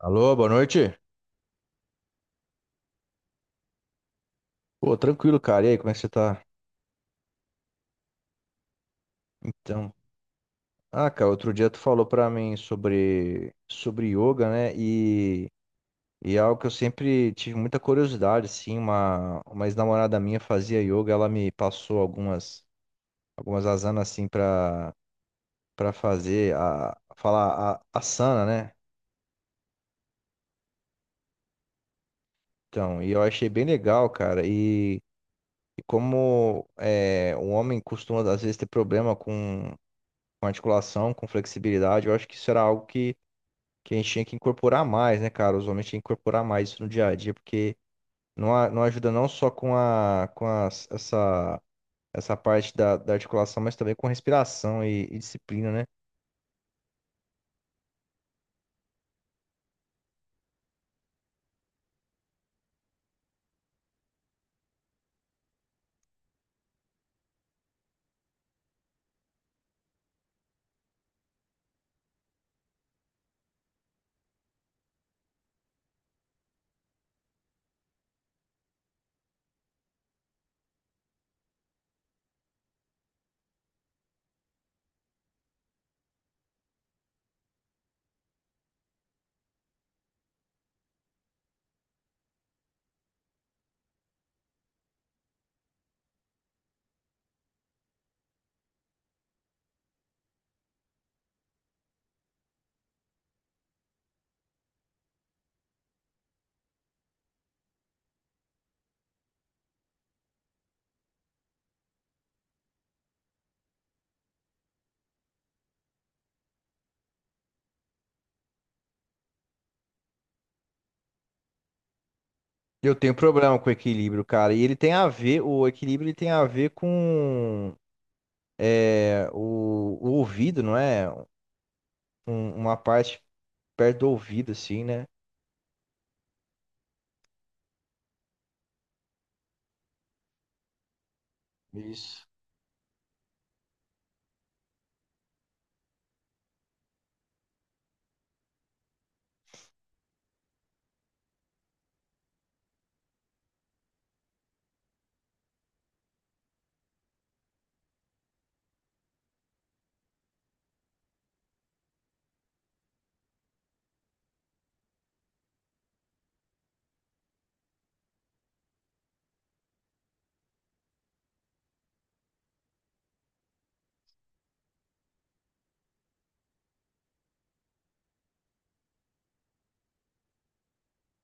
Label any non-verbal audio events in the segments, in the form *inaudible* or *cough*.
Alô, boa noite. Pô, tranquilo, cara. E aí, como é que você tá? Então, ah, cara, outro dia tu falou pra mim sobre yoga, né? E é algo que eu sempre tive muita curiosidade, assim, uma ex-namorada minha fazia yoga, ela me passou algumas asanas assim pra para fazer a falar a asana, né? Então, e eu achei bem legal, cara. E como é, o homem costuma às vezes ter problema com articulação, com flexibilidade, eu acho que isso era algo que a gente tinha que incorporar mais, né, cara? Os homens tinham que incorporar mais isso no dia a dia, porque não, não ajuda não só com a, essa parte da articulação, mas também com respiração e disciplina, né? Eu tenho problema com equilíbrio, cara, e ele tem a ver, o equilíbrio ele tem a ver com é, o ouvido, não é? Uma parte perto do ouvido, assim, né? Isso.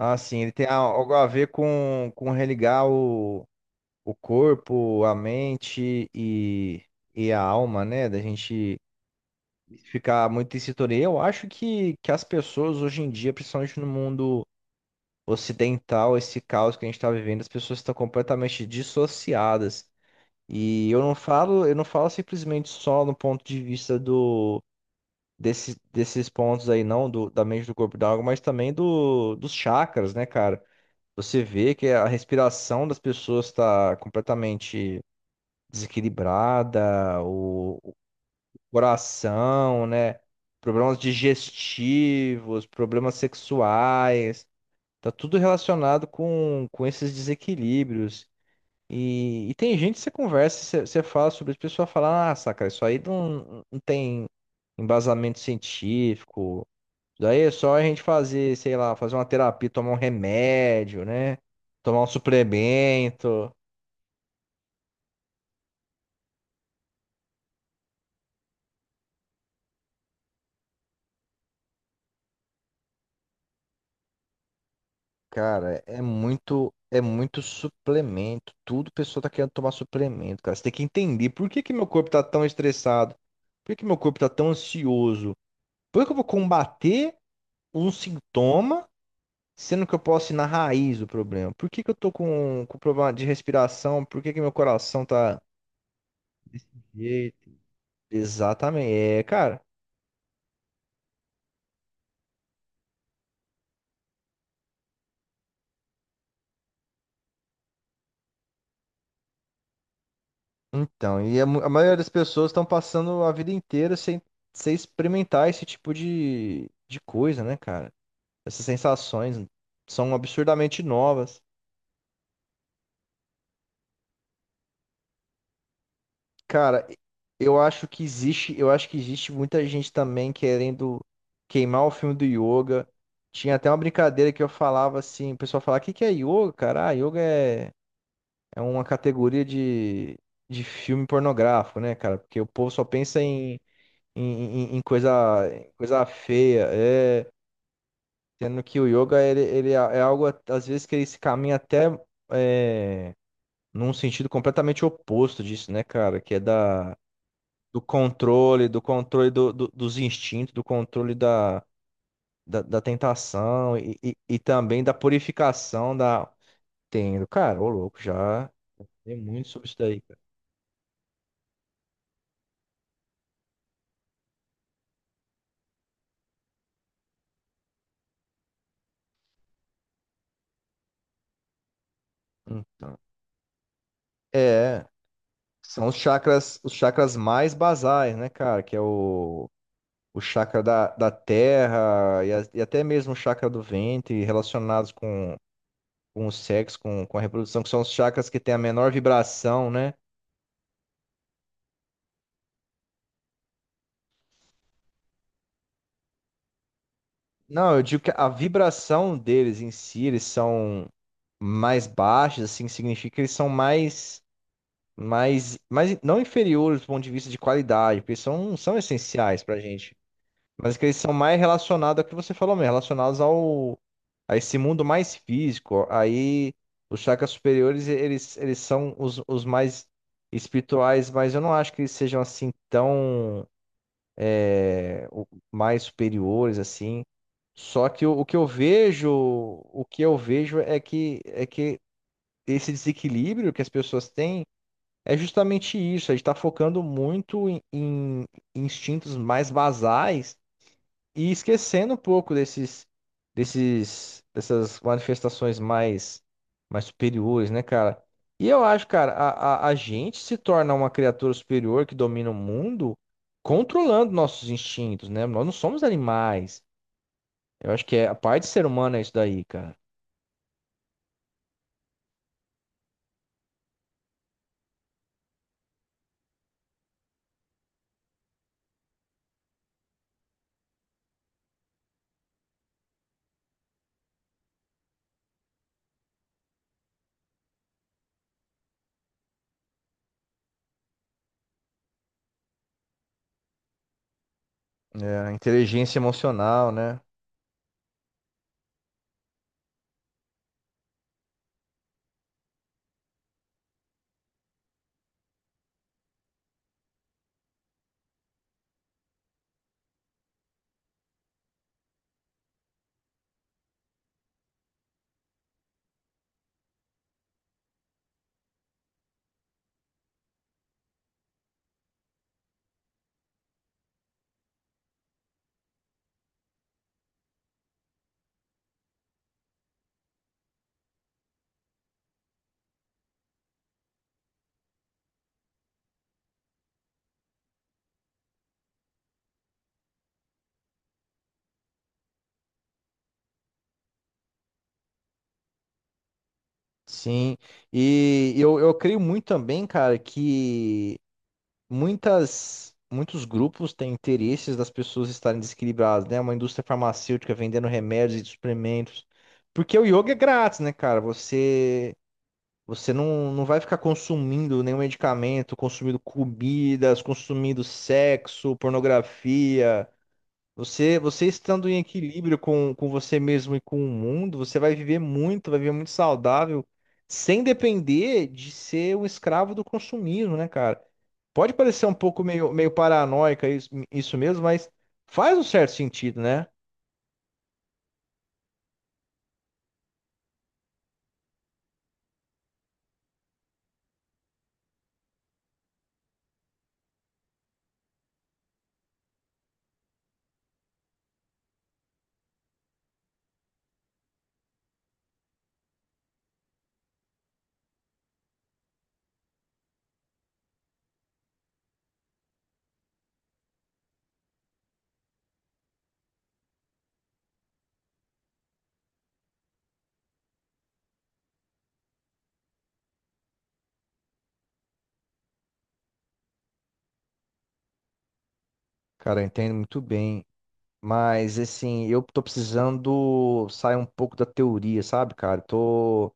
Ah, sim, ele tem algo a ver com religar o corpo, a mente e a alma, né? Da gente ficar muito em sintonia. Eu acho que as pessoas hoje em dia, principalmente no mundo ocidental, esse caos que a gente está vivendo, as pessoas estão completamente dissociadas. E eu não falo simplesmente só no ponto de vista desses pontos aí, não, da mente, do corpo, e da alma, mas também dos chakras, né, cara? Você vê que a respiração das pessoas está completamente desequilibrada, o coração, né? Problemas digestivos, problemas sexuais, tá tudo relacionado com esses desequilíbrios. E tem gente que você conversa, você fala sobre isso, a pessoa fala, ah, saca, isso aí não, não tem embasamento científico, isso daí é só a gente fazer, sei lá, fazer uma terapia, tomar um remédio, né? Tomar um suplemento. Cara, é muito suplemento. Tudo pessoa tá querendo tomar suplemento, cara. Você tem que entender por que que meu corpo tá tão estressado, por que que meu corpo tá tão ansioso, por que que eu vou combater um sintoma, sendo que eu posso ir na raiz do problema? Por que que eu tô com problema de respiração? Por que que meu coração tá. Eita. Exatamente, é, cara. Então, e a, a maioria das pessoas estão passando a vida inteira sem, sem experimentar esse tipo de coisa, né, cara? Essas sensações são absurdamente novas. Cara, eu acho que existe, muita gente também querendo queimar o filme do yoga. Tinha até uma brincadeira que eu falava assim, o pessoal falava, o que que é yoga, cara? Ah, yoga é, é uma categoria de filme pornográfico, né, cara? Porque o povo só pensa em, em- em coisa, em coisa feia, é, sendo que o yoga, ele é algo, às vezes, que ele se caminha até é, num sentido completamente oposto disso, né, cara? Que é da, do controle, do controle dos instintos, do controle da tentação e também da purificação da. Entendo, cara, ô louco, já tem muito sobre isso daí, cara. Então, é, são os chakras mais basais, né, cara? Que é o chakra da terra e até mesmo o chakra do ventre relacionados com o sexo, com a reprodução, que são os chakras que têm a menor vibração, né? Não, eu digo que a vibração deles em si, eles são mais baixos, assim, significa que eles são mais não inferiores do ponto de vista de qualidade, porque eles são essenciais pra gente. Mas que eles são mais relacionados ao que você falou mesmo, relacionados ao, a esse mundo mais físico. Aí os chakras superiores, eles são os mais espirituais, mas eu não acho que eles sejam assim tão mais superiores, assim. Só que o que eu vejo é que esse desequilíbrio que as pessoas têm é justamente isso. A gente está focando muito em instintos mais basais e esquecendo um pouco dessas manifestações mais superiores, né, cara? E eu acho, cara, a gente se torna uma criatura superior que domina o mundo controlando nossos instintos, né? Nós não somos animais. Eu acho que é a parte do ser humano é isso daí, cara. É, inteligência emocional, né? Sim. E eu creio muito também, cara, que muitos grupos têm interesses das pessoas estarem desequilibradas, né? Uma indústria farmacêutica vendendo remédios e suplementos. Porque o yoga é grátis, né, cara? Você, você não, não vai ficar consumindo nenhum medicamento, consumindo comidas, consumindo sexo, pornografia. Você estando em equilíbrio com você mesmo e com o mundo, você vai viver muito saudável, sem depender de ser um escravo do consumismo, né, cara? Pode parecer um pouco meio paranoica isso mesmo, mas faz um certo sentido, né? Cara, eu entendo muito bem. Mas, assim, eu tô precisando sair um pouco da teoria, sabe, cara? Tô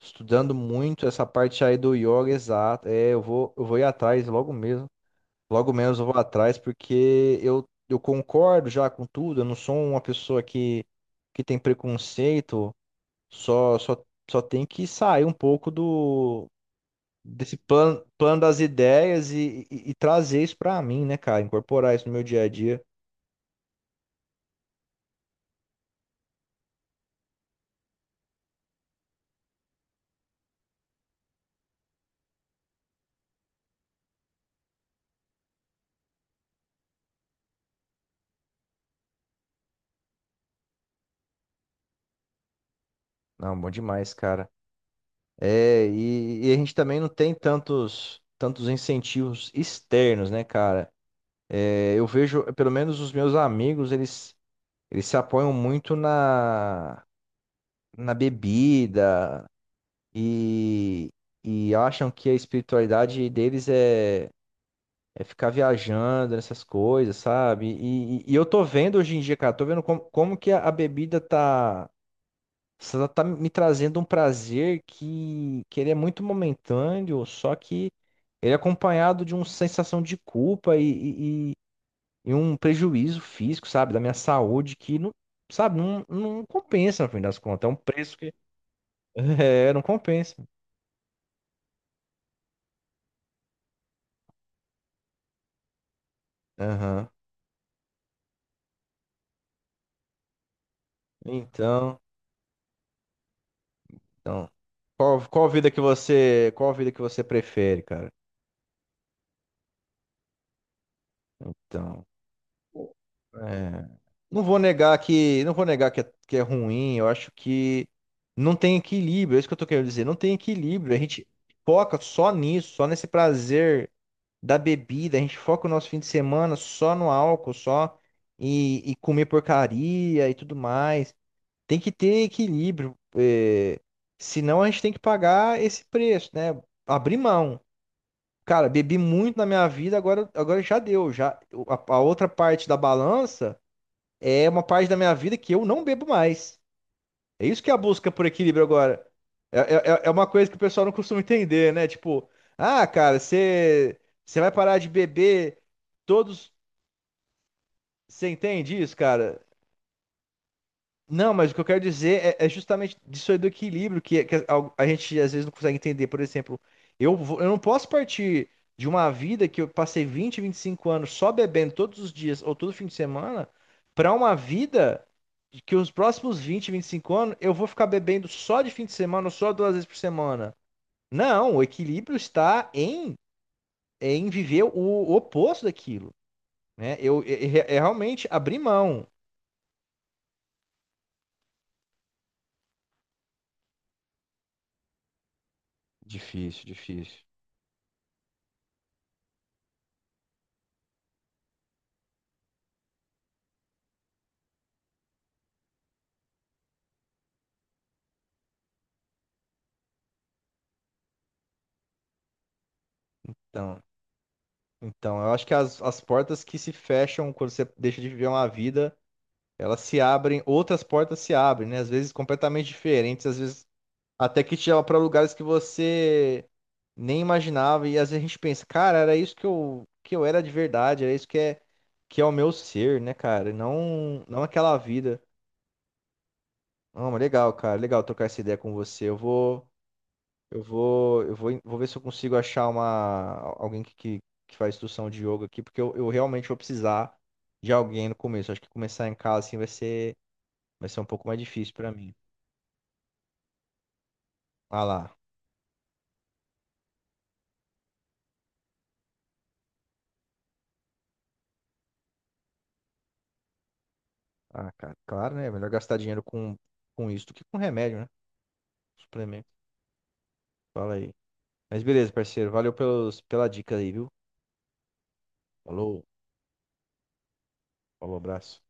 estudando muito essa parte aí do yoga exato. É, eu vou ir atrás logo mesmo. Logo menos eu vou atrás, porque eu concordo já com tudo, eu não sou uma pessoa que tem preconceito, só, só, só tem que sair um pouco do desse plano, plano das ideias e trazer isso pra mim, né, cara? Incorporar isso no meu dia a dia. Não, bom demais, cara. É, e a gente também não tem tantos incentivos externos, né, cara? É, eu vejo, pelo menos os meus amigos, eles se apoiam muito na bebida e, e acham que a espiritualidade deles é ficar viajando nessas coisas, sabe? E eu tô vendo hoje em dia, cara, tô vendo como que a bebida tá, ela tá me trazendo um prazer que ele é muito momentâneo, só que ele é acompanhado de uma sensação de culpa e um prejuízo físico, sabe? Da minha saúde que não, sabe, não, não compensa no fim das contas. É um preço que *laughs* é, não compensa. Aham. Então, então. Qual vida que você, qual vida que você prefere, cara? Então, é, não vou negar que é, que é ruim. Eu acho que não tem equilíbrio. É isso que eu tô querendo dizer. Não tem equilíbrio. A gente foca só nisso, só nesse prazer da bebida. A gente foca o nosso fim de semana só no álcool, só e comer porcaria e tudo mais. Tem que ter equilíbrio, é, senão a gente tem que pagar esse preço, né? Abrir mão. Cara, bebi muito na minha vida, agora, agora já deu. Já, a outra parte da balança é uma parte da minha vida que eu não bebo mais. É isso que é a busca por equilíbrio agora. É, é, é uma coisa que o pessoal não costuma entender, né? Tipo, ah, cara, você vai parar de beber todos. Você entende isso, cara? Não, mas o que eu quero dizer é, é justamente disso aí do equilíbrio que a gente às vezes não consegue entender. Por exemplo, eu, eu não posso partir de uma vida que eu passei vinte e cinco anos só bebendo todos os dias ou todo fim de semana para uma vida de que os próximos vinte e cinco anos eu vou ficar bebendo só de fim de semana ou só 2 vezes por semana. Não, o equilíbrio está em viver o oposto daquilo, né? Eu, é é realmente abrir mão. Difícil, difícil. Então. Então, eu acho que as portas que se fecham quando você deixa de viver uma vida, elas se abrem, outras portas se abrem, né? Às vezes completamente diferentes, às vezes até que te leva para lugares que você nem imaginava. E às vezes a gente pensa, cara, era isso que eu era de verdade, era isso que é o meu ser, né, cara? E não, não aquela vida. Ah, mas legal, cara, legal trocar essa ideia com você. Vou ver se eu consigo achar alguém que faz instrução de yoga aqui, porque eu realmente vou precisar de alguém no começo. Acho que começar em casa assim vai ser um pouco mais difícil pra mim. Ah lá. Ah, cara, claro, né? Melhor gastar dinheiro com isso do que com remédio, né? Suplemento. Fala aí. Mas beleza, parceiro. Valeu pela dica aí, viu? Falou, falou, abraço.